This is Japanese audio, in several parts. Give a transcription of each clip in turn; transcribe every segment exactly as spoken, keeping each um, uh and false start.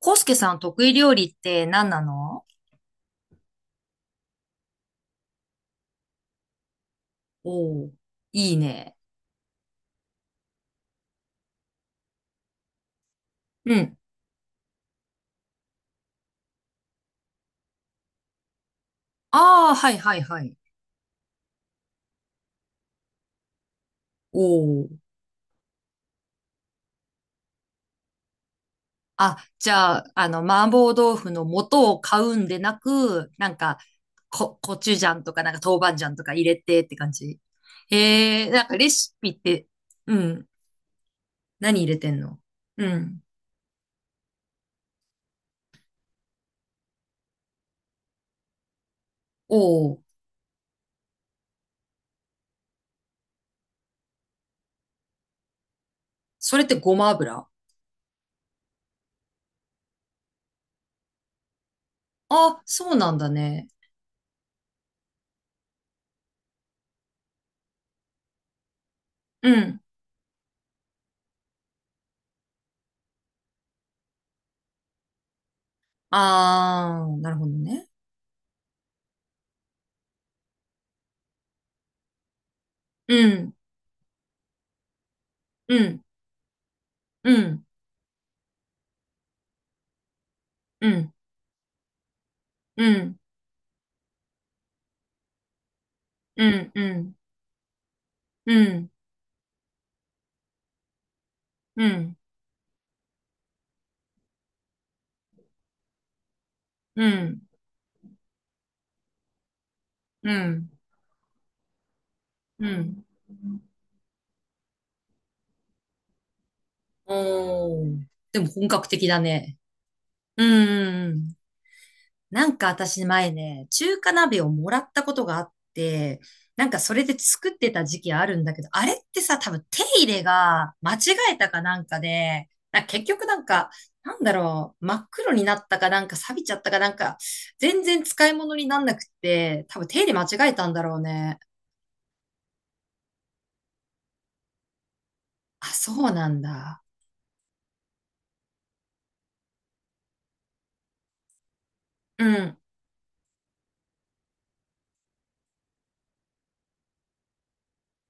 コウスケさん得意料理って何なの？おー、いいね。うん。ああ、はいはいはい。おー。あ、じゃあ、あの、麻婆豆腐の素を買うんでなく、なんか、こ、コチュジャンとか、なんか豆板醤とか入れてって感じ。へえ、なんかレシピって、うん。何入れてんの？うん。おー。それってごま油？あ、そうなんだね。うん。ああ、なるほどね。うん。うん。うん。うん。うん、うん、うん、うん、うん、うん、うん、うん。おー。でも本格的だね。うん、うん。なんか私前ね、中華鍋をもらったことがあって、なんかそれで作ってた時期あるんだけど、あれってさ、多分手入れが間違えたかなんかで、なんか結局なんか、なんだろう、真っ黒になったかなんか錆びちゃったかなんか、全然使い物になんなくって、多分手入れ間違えたんだろうね。あ、そうなんだ。うん。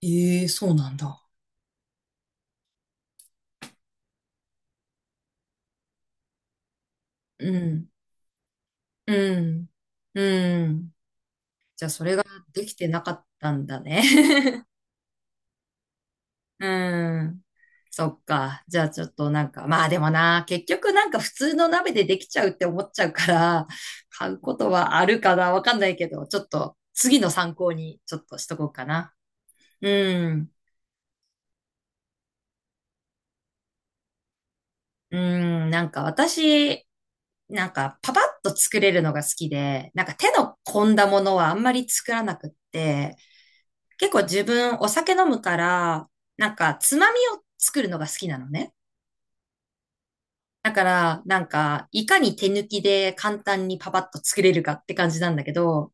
ええ、そうなんだ。うん。うん。うん。じゃあ、それができてなかったんだね。うん。そっか。じゃあ、ちょっとなんか、まあでもな、結局なんか普通の鍋でできちゃうって思っちゃうから、買うことはあるかなわかんないけど、ちょっと次の参考にちょっとしとこうかな。うん。うん。なんか私、なんかパパッと作れるのが好きで、なんか手の込んだものはあんまり作らなくって、結構自分お酒飲むから、なんかつまみを作るのが好きなのね。だから、なんか、いかに手抜きで簡単にパパッと作れるかって感じなんだけど、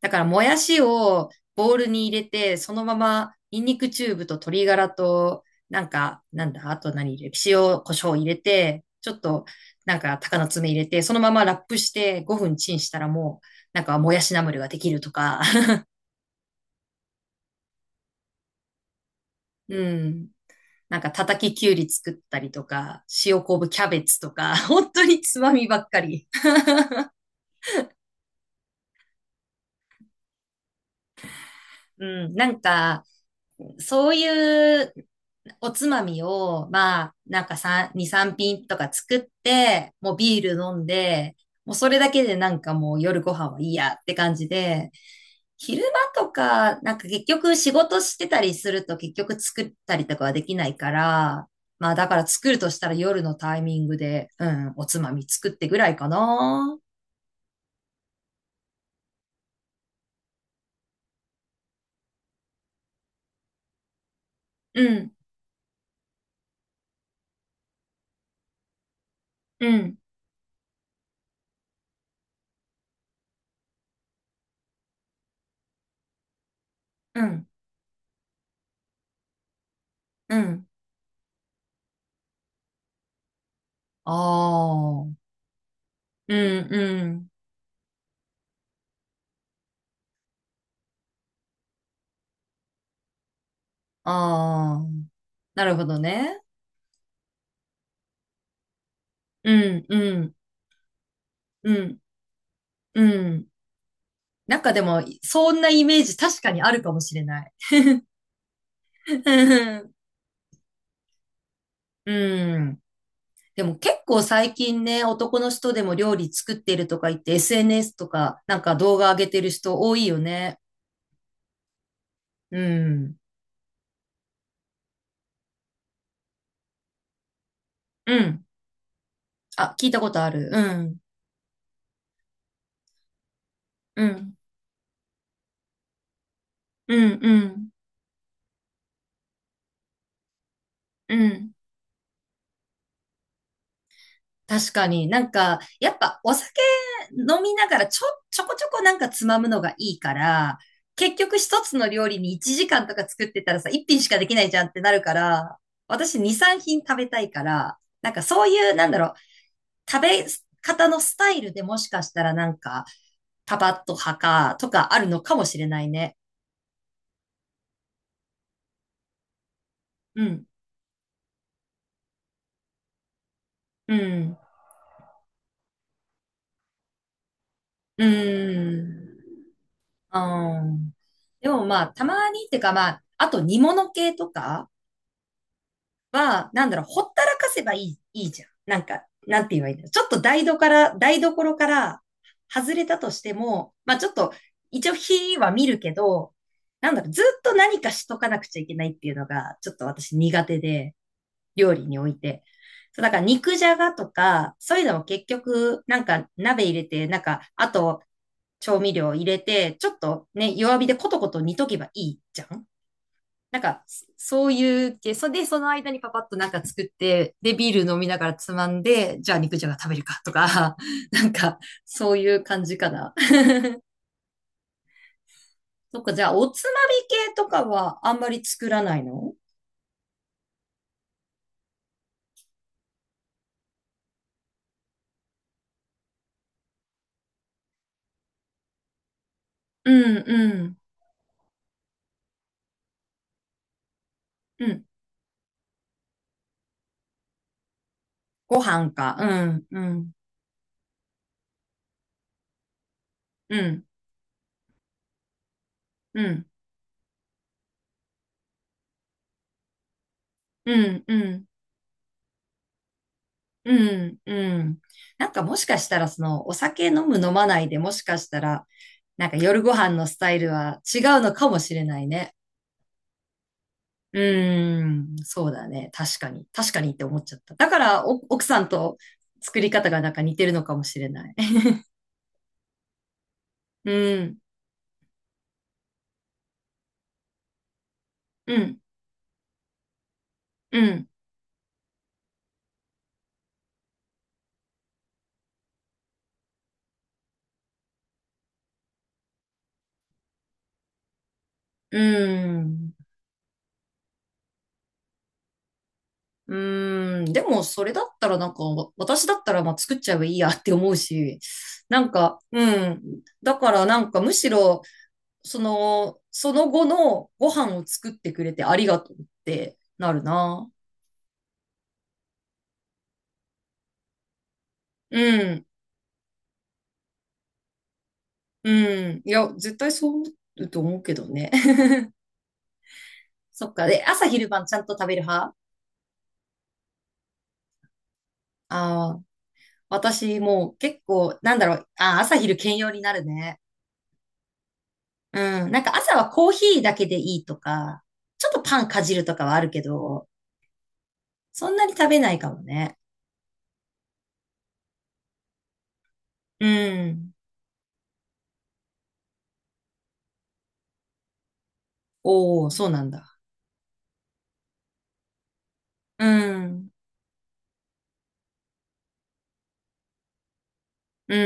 だから、もやしをボウルに入れて、そのまま、ニンニクチューブと鶏ガラと、なんか、なんだ、あと何入れる塩、胡椒入れて、ちょっと、なんか、鷹の爪入れて、そのままラップしてごふんチンしたらもう、なんか、もやしナムルができるとか、うん。なんか叩ききゅうり作ったりとか、塩昆布キャベツとか、本当につまみばっかり。うん、なんか、そういうおつまみを、まあ、なんかさん、に、さんぴん品とか作って、もうビール飲んで、もうそれだけでなんかもう夜ご飯はいいやって感じで、昼間とか、なんか結局仕事してたりすると結局作ったりとかはできないから、まあだから作るとしたら夜のタイミングで、うん、おつまみ作ってぐらいかな。うん、うん、うん、うん。ああ、うん、うん、ああ。なるほどね。うん、うん、うん、うん。なんかでも、そんなイメージ確かにあるかもしれない。うん。うん。でも結構最近ね、男の人でも料理作ってるとか言って エスエヌエス とかなんか動画上げてる人多いよね。うん。うん。あ、聞いたことある。うん。うん。うん。うん。うん。確かになんか、やっぱお酒飲みながらちょ、ちょこちょこなんかつまむのがいいから、結局一つの料理にいちじかんとか作ってたらさ、一品しかできないじゃんってなるから、私に、さんぴん品食べたいから、なんかそういう、なんだろう、食べ方のスタイルでもしかしたらなんか、パパッと派かとかあるのかもしれないね。うん、うん、うん、うん。でもまあ、たまにっていうかまあ、あと煮物系とか、は、なんだろう、ほったらかせばいい、いいじゃん。なんか、なんて言えばいいんだろう。ちょっと台所から、台所から外れたとしても、まあちょっと、一応火は見るけど、なんだろう、ずっと何かしとかなくちゃいけないっていうのが、ちょっと私苦手で、料理において。そう、だから肉じゃがとか、そういうのも結局、なんか鍋入れて、なんか、あと調味料入れて、ちょっとね、弱火でコトコト煮とけばいいじゃん。なんか、そういう系、それで、その間にパパッとなんか作って、で、ビール飲みながらつまんで、じゃあ肉じゃが食べるかとか、なんか、そういう感じかな。そっか、じゃあ、おつまみ系とかはあんまり作らないの？うん、うん、うん。ご飯か。うん、うん、うん、うん、うん、うん、うん、うん。なんかもしかしたら、その、お酒飲む飲まないでもしかしたら、なんか夜ご飯のスタイルは違うのかもしれないね。うーん、そうだね。確かに。確かにって思っちゃった。だから、お奥さんと作り方がなんか似てるのかもしれない。うん、うん、うん、うん。うーん、でもそれだったらなんか、わ私だったらまあ作っちゃえばいいやって思うし、なんか、うん。だからなんかむしろ、その、その後のご飯を作ってくれてありがとうってなるな。うん、うん。いや、絶対そう思うと思うけどね。そっか。で、朝昼晩ちゃんと食べる派？ああー、私もう結構、なんだろう。ああ、朝昼兼用になるね。うん。なんか朝はコーヒーだけでいいとか、ちょっとパンかじるとかはあるけど、そんなに食べないかもね。うん。おおそうなんだ。うん。う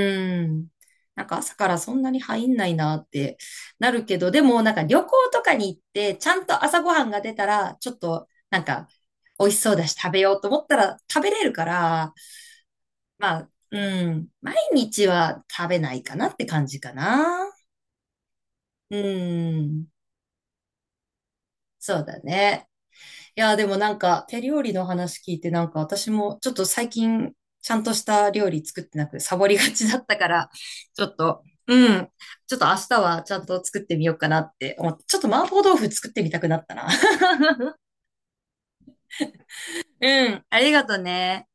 ん。なんか朝からそんなに入んないなってなるけど、でもなんか旅行とかに行って、ちゃんと朝ごはんが出たら、ちょっとなんか美味しそうだし食べようと思ったら食べれるから、まあ、うん。毎日は食べないかなって感じかな。うん。そうだね。いや、でもなんか手料理の話聞いてなんか私もちょっと最近ちゃんとした料理作ってなくサボりがちだったから、ちょっと、うん。ちょっと明日はちゃんと作ってみようかなって思って、ちょっと麻婆豆腐作ってみたくなったな。うん。ありがとね。